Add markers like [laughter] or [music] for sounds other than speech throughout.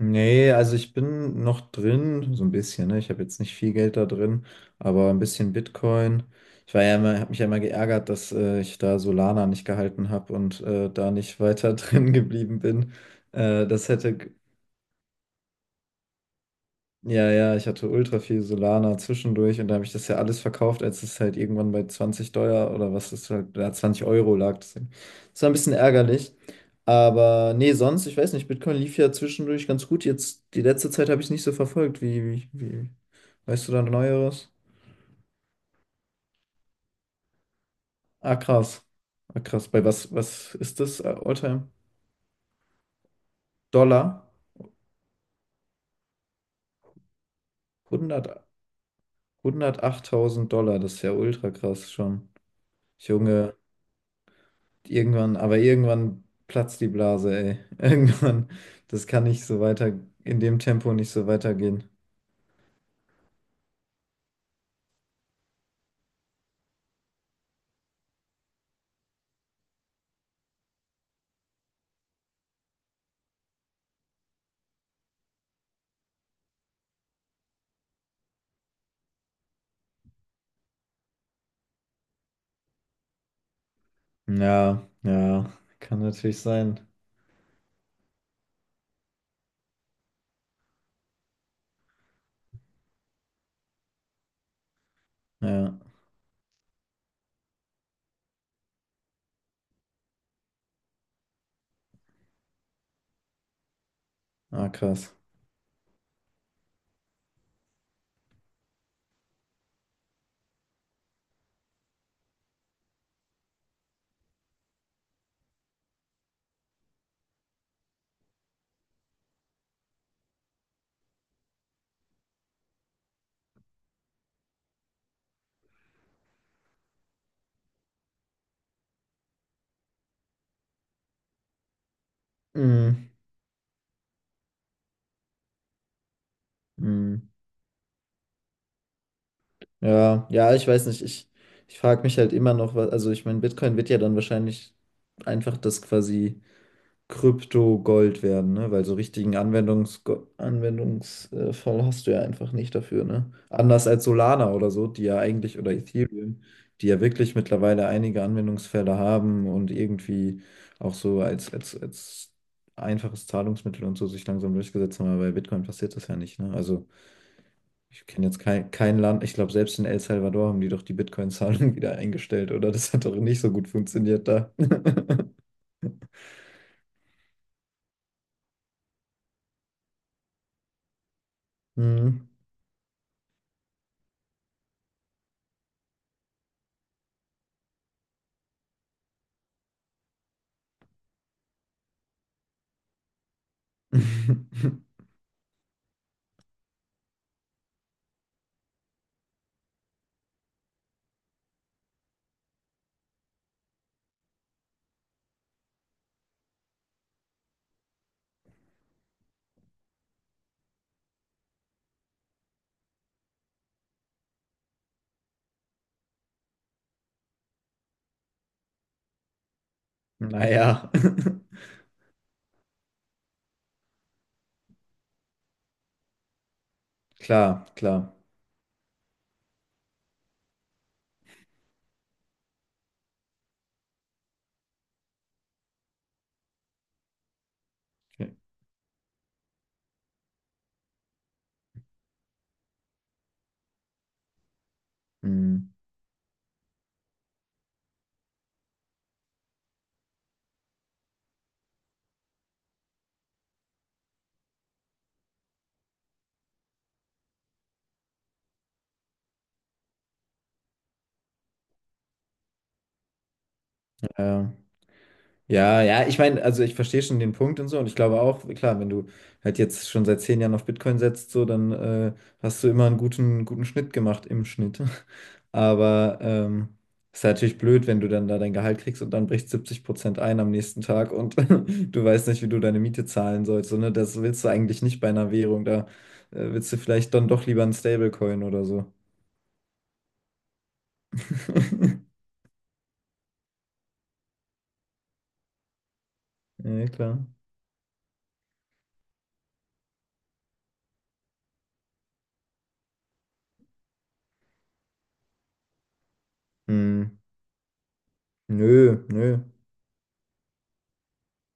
Nee, also ich bin noch drin, so ein bisschen, ne? Ich habe jetzt nicht viel Geld da drin, aber ein bisschen Bitcoin. Ich war ja immer, habe mich ja immer geärgert, dass ich da Solana nicht gehalten habe und da nicht weiter [laughs] drin geblieben bin. Äh, das hätte ja, ich hatte ultra viel Solana zwischendurch und da habe ich das ja alles verkauft, als es halt irgendwann bei 20 Dollar oder was ist halt, da 20 Euro lag. Das war ein bisschen ärgerlich. Aber nee, sonst, ich weiß nicht, Bitcoin lief ja zwischendurch ganz gut. Jetzt, die letzte Zeit habe ich es nicht so verfolgt. Weißt du da Neueres? Ah, krass. Ah, krass. Bei was, was ist das? Alltime? Dollar? 100, 108.000 Dollar, das ist ja ultra krass schon. Junge. Irgendwann, aber irgendwann platzt die Blase, ey. [laughs] Irgendwann, das kann nicht so weiter, in dem Tempo nicht so weitergehen. Ja, ja, kann natürlich sein. Ja, ah, krass. Mm, mm. Ja, ja, ich weiß nicht. Ich frage mich halt immer noch, was, also ich meine, Bitcoin wird ja dann wahrscheinlich einfach das quasi. Krypto Gold werden, ne? Weil so richtigen Anwendungsfall hast du ja einfach nicht dafür, ne? Anders als Solana oder so, die ja eigentlich, oder Ethereum, die ja wirklich mittlerweile einige Anwendungsfälle haben und irgendwie auch so als einfaches Zahlungsmittel und so sich langsam durchgesetzt haben, aber bei Bitcoin passiert das ja nicht, ne? Also ich kenne jetzt kein Land, ich glaube, selbst in El Salvador haben die doch die Bitcoin-Zahlung [laughs] wieder eingestellt, oder? Das hat doch nicht so gut funktioniert da. [laughs] Mhm. [laughs] Naja, [laughs] klar, klar. Okay. Mm, ja, ja, ja, ich meine, also ich verstehe schon den Punkt und so und ich glaube auch, klar, wenn du halt jetzt schon seit 10 Jahren auf Bitcoin setzt, so, dann hast du immer einen guten, guten Schnitt gemacht im Schnitt. [laughs] Aber ist natürlich blöd, wenn du dann da dein Gehalt kriegst und dann bricht 70% ein am nächsten Tag und [laughs] du weißt nicht, wie du deine Miete zahlen sollst. So, ne? Das willst du eigentlich nicht bei einer Währung. Da willst du vielleicht dann doch lieber einen Stablecoin oder so. [laughs] Ja, klar. Hm, nö, nö.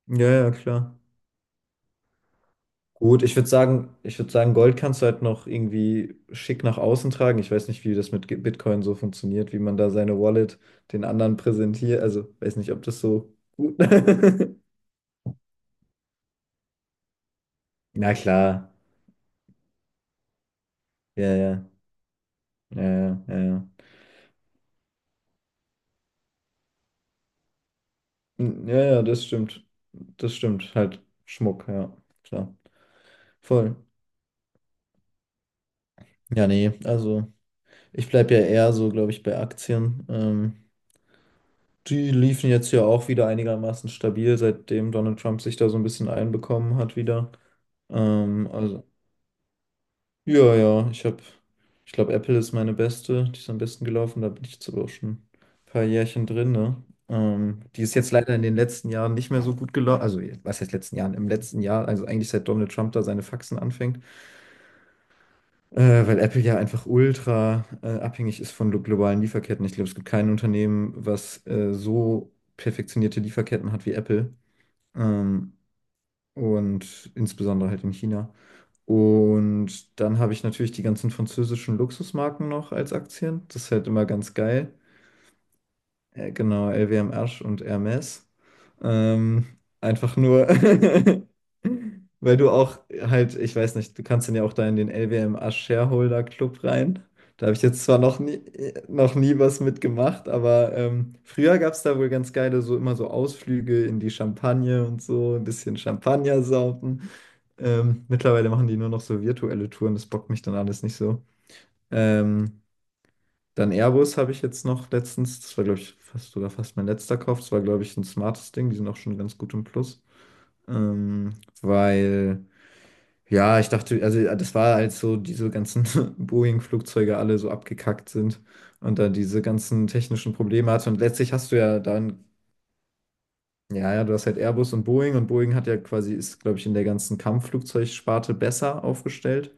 Ja, ja, klar. Gut, ich würde sagen, Gold kannst du halt noch irgendwie schick nach außen tragen. Ich weiß nicht, wie das mit Bitcoin so funktioniert, wie man da seine Wallet den anderen präsentiert. Also, weiß nicht, ob das so gut. [laughs] Na klar. Ja, ja, ja, ja, ja. Ja, hm, ja, ja, das stimmt. Das stimmt. Halt Schmuck, ja, klar. Voll. Ja, nee, also ich bleibe ja eher so, glaube ich, bei Aktien. Die liefen jetzt ja auch wieder einigermaßen stabil, seitdem Donald Trump sich da so ein bisschen einbekommen hat wieder. Ähm, also, ja, ich habe, ich glaube, Apple ist meine beste, die ist am besten gelaufen, da bin ich jetzt aber auch schon ein paar Jährchen drin, ne? Die ist jetzt leider in den letzten Jahren nicht mehr so gut gelaufen, also was heißt letzten Jahren? Im letzten Jahr, also eigentlich seit Donald Trump da seine Faxen anfängt, weil Apple ja einfach ultra abhängig ist von globalen Lieferketten. Ich glaube, es gibt kein Unternehmen, was so perfektionierte Lieferketten hat wie Apple. Ähm, und insbesondere halt in China. Und dann habe ich natürlich die ganzen französischen Luxusmarken noch als Aktien. Das ist halt immer ganz geil. Genau, LWM Asch und Hermes. Ähm, einfach nur, [laughs] weil du auch halt, ich weiß nicht, du kannst dann ja auch da in den LWM Asch Shareholder Club rein. Da habe ich jetzt zwar noch nie was mitgemacht, aber früher gab es da wohl ganz geile, so immer so Ausflüge in die Champagne und so, ein bisschen Champagner saufen. Mittlerweile machen die nur noch so virtuelle Touren, das bockt mich dann alles nicht so. Ähm, dann Airbus habe ich jetzt noch letztens, das war glaube ich fast mein letzter Kauf, das war glaube ich ein smartes Ding, die sind auch schon ganz gut im Plus. Ähm, weil, ja, ich dachte, also ja, das war halt so, diese ganzen [laughs] Boeing-Flugzeuge alle so abgekackt sind und dann diese ganzen technischen Probleme hatte. Und letztlich hast du ja dann, ja, ja, du hast halt Airbus und Boeing hat ja quasi, ist glaube ich in der ganzen Kampfflugzeugsparte besser aufgestellt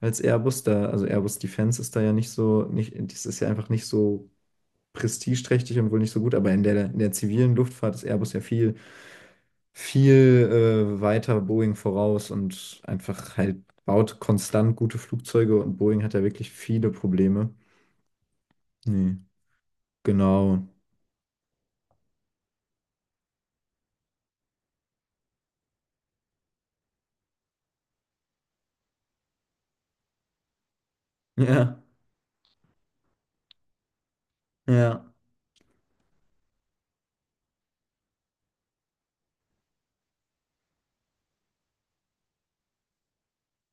als Airbus. Da, also Airbus Defense ist da ja nicht so, nicht, das ist ja einfach nicht so prestigeträchtig und wohl nicht so gut, aber in der zivilen Luftfahrt ist Airbus ja viel weiter Boeing voraus und einfach halt baut konstant gute Flugzeuge und Boeing hat ja wirklich viele Probleme. Nee, genau. Ja, ja,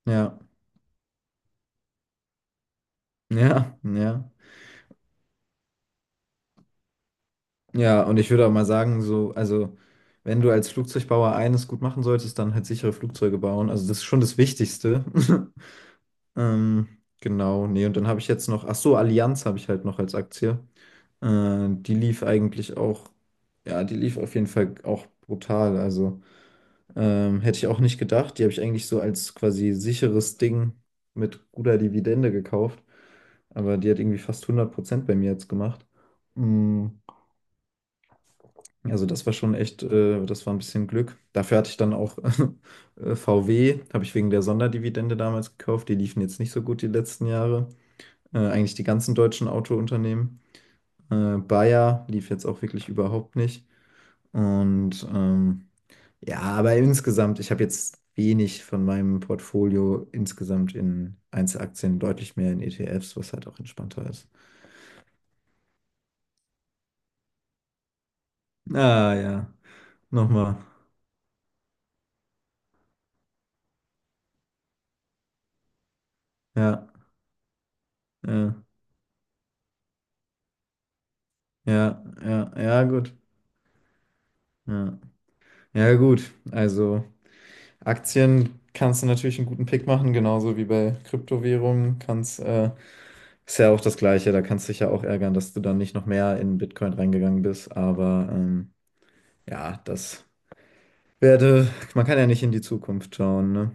ja, ja, ja. Ja, und ich würde auch mal sagen, so, also wenn du als Flugzeugbauer eines gut machen solltest, dann halt sichere Flugzeuge bauen. Also das ist schon das Wichtigste. [laughs] Ähm, genau, nee, und dann habe ich jetzt noch, ach so, Allianz habe ich halt noch als Aktie. Die lief eigentlich auch, ja, die lief auf jeden Fall auch brutal. Also hätte ich auch nicht gedacht. Die habe ich eigentlich so als quasi sicheres Ding mit guter Dividende gekauft. Aber die hat irgendwie fast 100% bei mir jetzt gemacht. Mm, also das war schon echt, das war ein bisschen Glück. Dafür hatte ich dann auch [laughs] VW, habe ich wegen der Sonderdividende damals gekauft. Die liefen jetzt nicht so gut die letzten Jahre. Eigentlich die ganzen deutschen Autounternehmen. Bayer lief jetzt auch wirklich überhaupt nicht. Und ja, aber insgesamt, ich habe jetzt wenig von meinem Portfolio insgesamt in Einzelaktien, deutlich mehr in ETFs, was halt auch entspannter ist. Ah ja, nochmal. Ja, ja, ja, ja, ja, gut. Ja, ja, gut. Also Aktien kannst du natürlich einen guten Pick machen, genauso wie bei Kryptowährungen kannst, ist ja auch das Gleiche. Da kannst du dich ja auch ärgern, dass du dann nicht noch mehr in Bitcoin reingegangen bist, aber ja, werde, man kann ja nicht in die Zukunft schauen, ne?